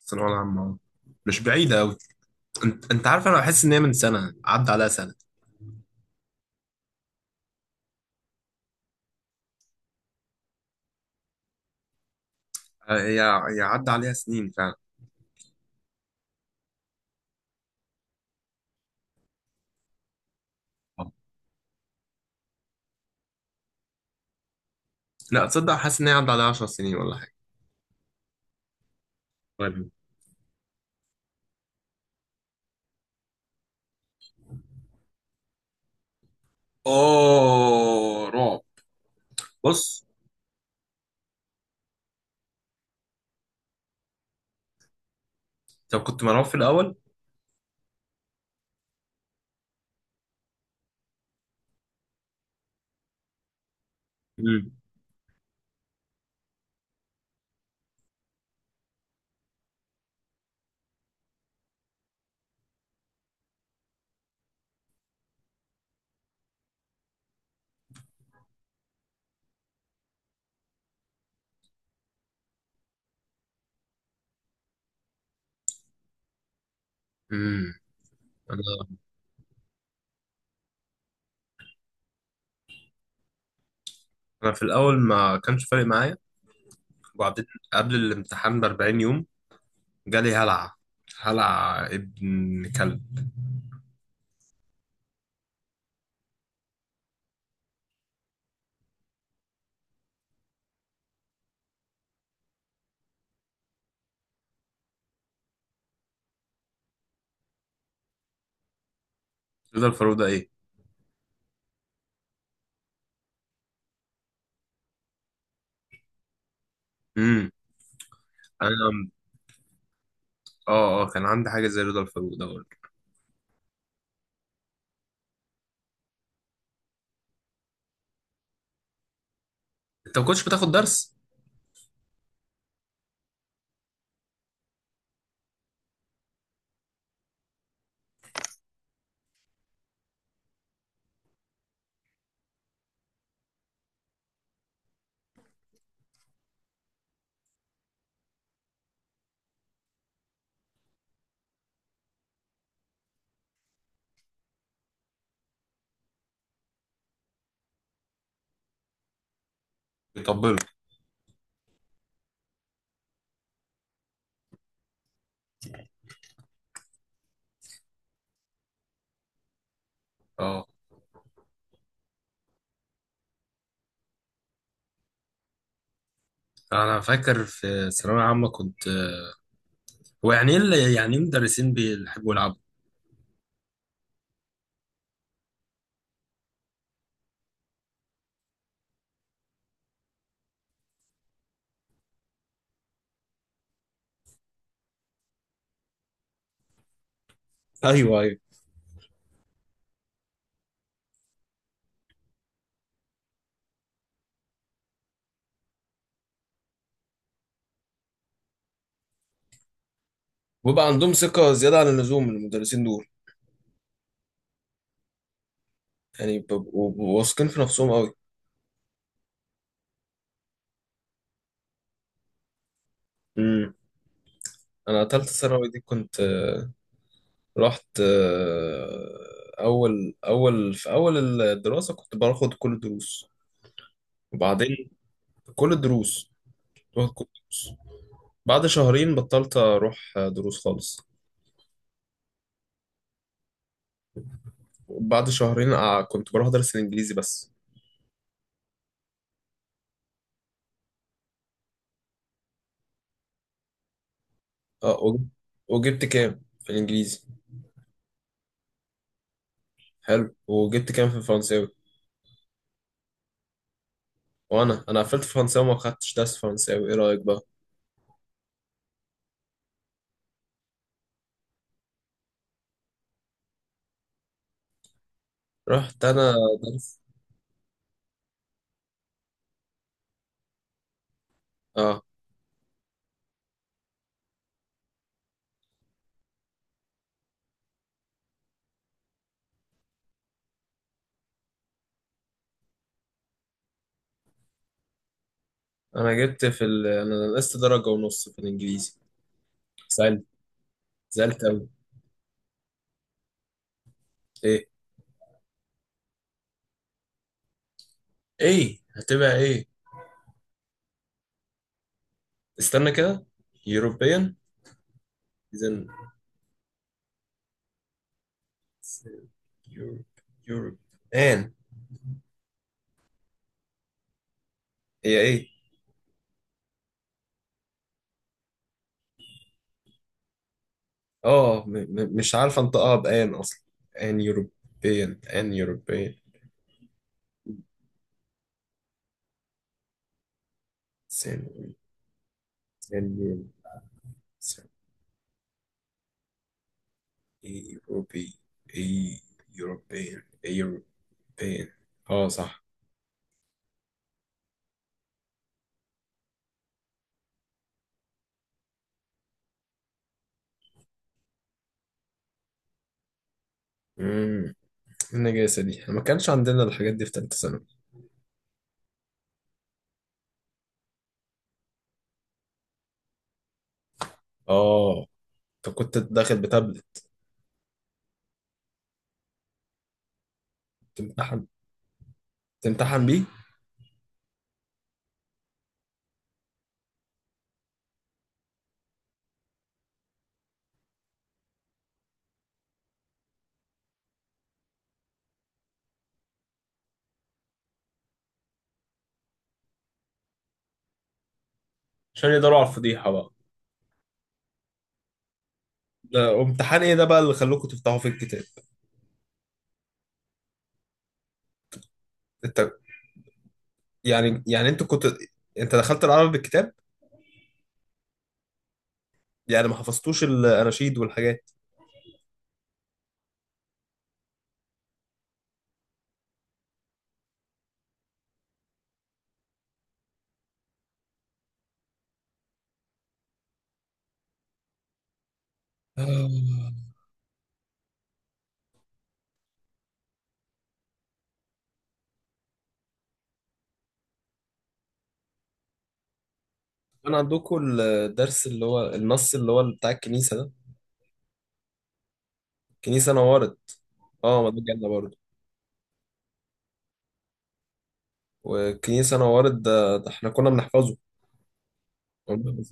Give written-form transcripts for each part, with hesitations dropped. الثانوية العامة أهو. مش بعيدة أوي. أنت عارف، أنا بحس إن هي من سنة عدى عليها سنة. آه، هي عدى عليها سنين فعلا. آه. لا، تصدق، حاسس إن هي عدى عليها 10 سنين ولا حاجة. طيب. أوه، رعب. بص. طب كنت مرعوب في الأول؟ امم امم أنا أنا في الأول ما كانش فارق معايا، وبعدين قبل الامتحان ب 40 يوم جالي هلع، هلع ابن كلب. رضا الفاروق ده إيه؟ امم أنا، اه كان عندي حاجة زي رضا الفاروق ده برضه. أنت ما كنتش بتاخد درس؟ يطبلوا. اه، انا فاكر في ثانويه عامه كنت. هو يعني ايه يعني ايه مدرسين بيحبوا يلعبوا؟ ايوه، ايوه. ويبقى عندهم ثقة زيادة عن اللزوم، المدرسين دول. يعني بيبقوا واثقين في نفسهم قوي. امم انا تالتة ثانوي دي كنت، رحت، اول اول في اول الدراسة كنت باخد كل الدروس. وبعدين كل الدروس كنت باخد كل الدروس. بعد شهرين بطلت اروح دروس خالص. بعد شهرين كنت بروح ادرس الانجليزي بس. اه، وجبت كام في الانجليزي؟ حلو، وجبت كام في الفرنساوي؟ وانا قفلت فرنساوي وما خدتش درس فرنساوي، ايه رايك بقى؟ رحت انا درس. اه، انا نقصت درجه ونص في الانجليزي. زعلت، زعلت قوي. ايه ايه هتبقى ايه؟ استنى كده. يوروبيان، اذن يوروب يوروب ان، هي ايه؟ اه، مش عارف انطقها بان اصلا. ان يوروبيان، ان يوروبيان، سن، ايه اوروبي، ايه يوروبيان، ايه يوروبيان، اه، صح. امم النجاسة دي ما كانش عندنا، الحاجات دي في تالتة ثانوي. اه، انت كنت داخل بتابلت؟ تمتحن تمتحن بيه؟ عشان يقدروا على الفضيحة بقى. ده امتحان ايه ده بقى اللي خلوكوا تفتحوا في الكتاب؟ انت، يعني انت دخلت العربي بالكتاب؟ يعني ما حفظتوش الاناشيد والحاجات؟ آه. كان عندكم الدرس اللي هو النص اللي هو بتاع الكنيسة ده؟ الكنيسة نورت. اه، ما ده جالنا برضه. والكنيسة نورت ده, احنا كنا بنحفظه. يعني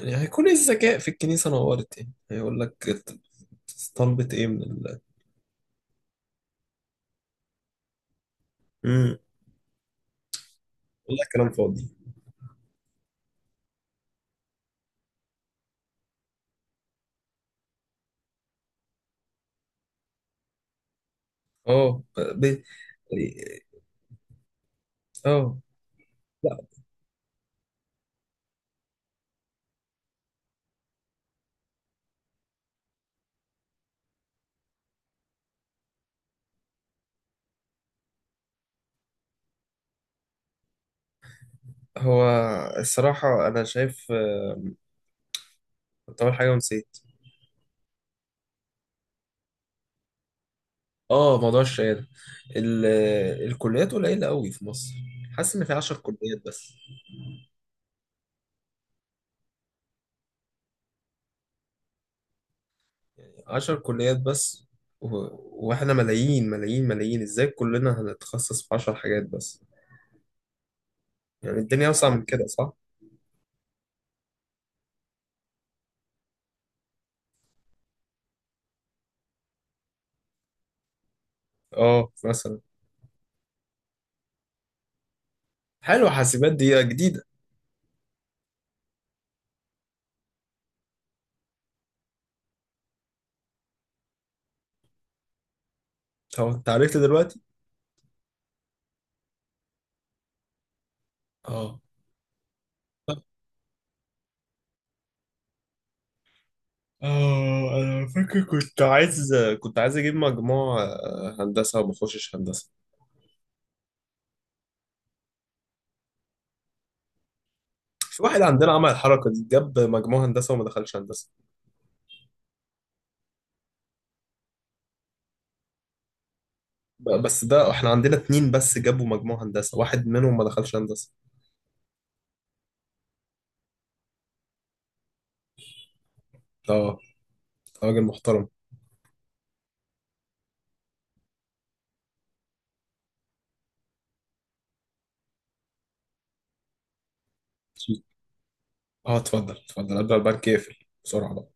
هيكون ايه الذكاء في الكنيسة نورت؟ يعني هيقول لك طلبت ايه من الله؟ امم والله، كلام فاضي. اه، ب... اه لا، هو الصراحة أنا شايف، كنت أول حاجة ونسيت. اه، موضوع الشهادة ال... الكليات قليلة قوي في مصر. حاسس إن في عشر كليات بس، عشر كليات بس، و... واحنا ملايين ملايين ملايين، ازاي كلنا هنتخصص في عشر حاجات بس؟ يعني الدنيا أوسع من كده، صح؟ اه، مثلا. حلو، حاسبات دي جديدة. طب أنت عرفت دلوقتي؟ اه. اه، انا فاكر كنت عايز اجيب مجموع هندسه وما اخشش هندسه. في واحد عندنا عمل الحركه دي، جاب مجموع هندسه وما دخلش هندسه. بس ده احنا عندنا اتنين بس جابوا مجموع هندسه، واحد منهم ما دخلش هندسه. اه، راجل محترم. اه، اتفضل اتفضل قبل ما البنك يقفل. بسرعه بقى.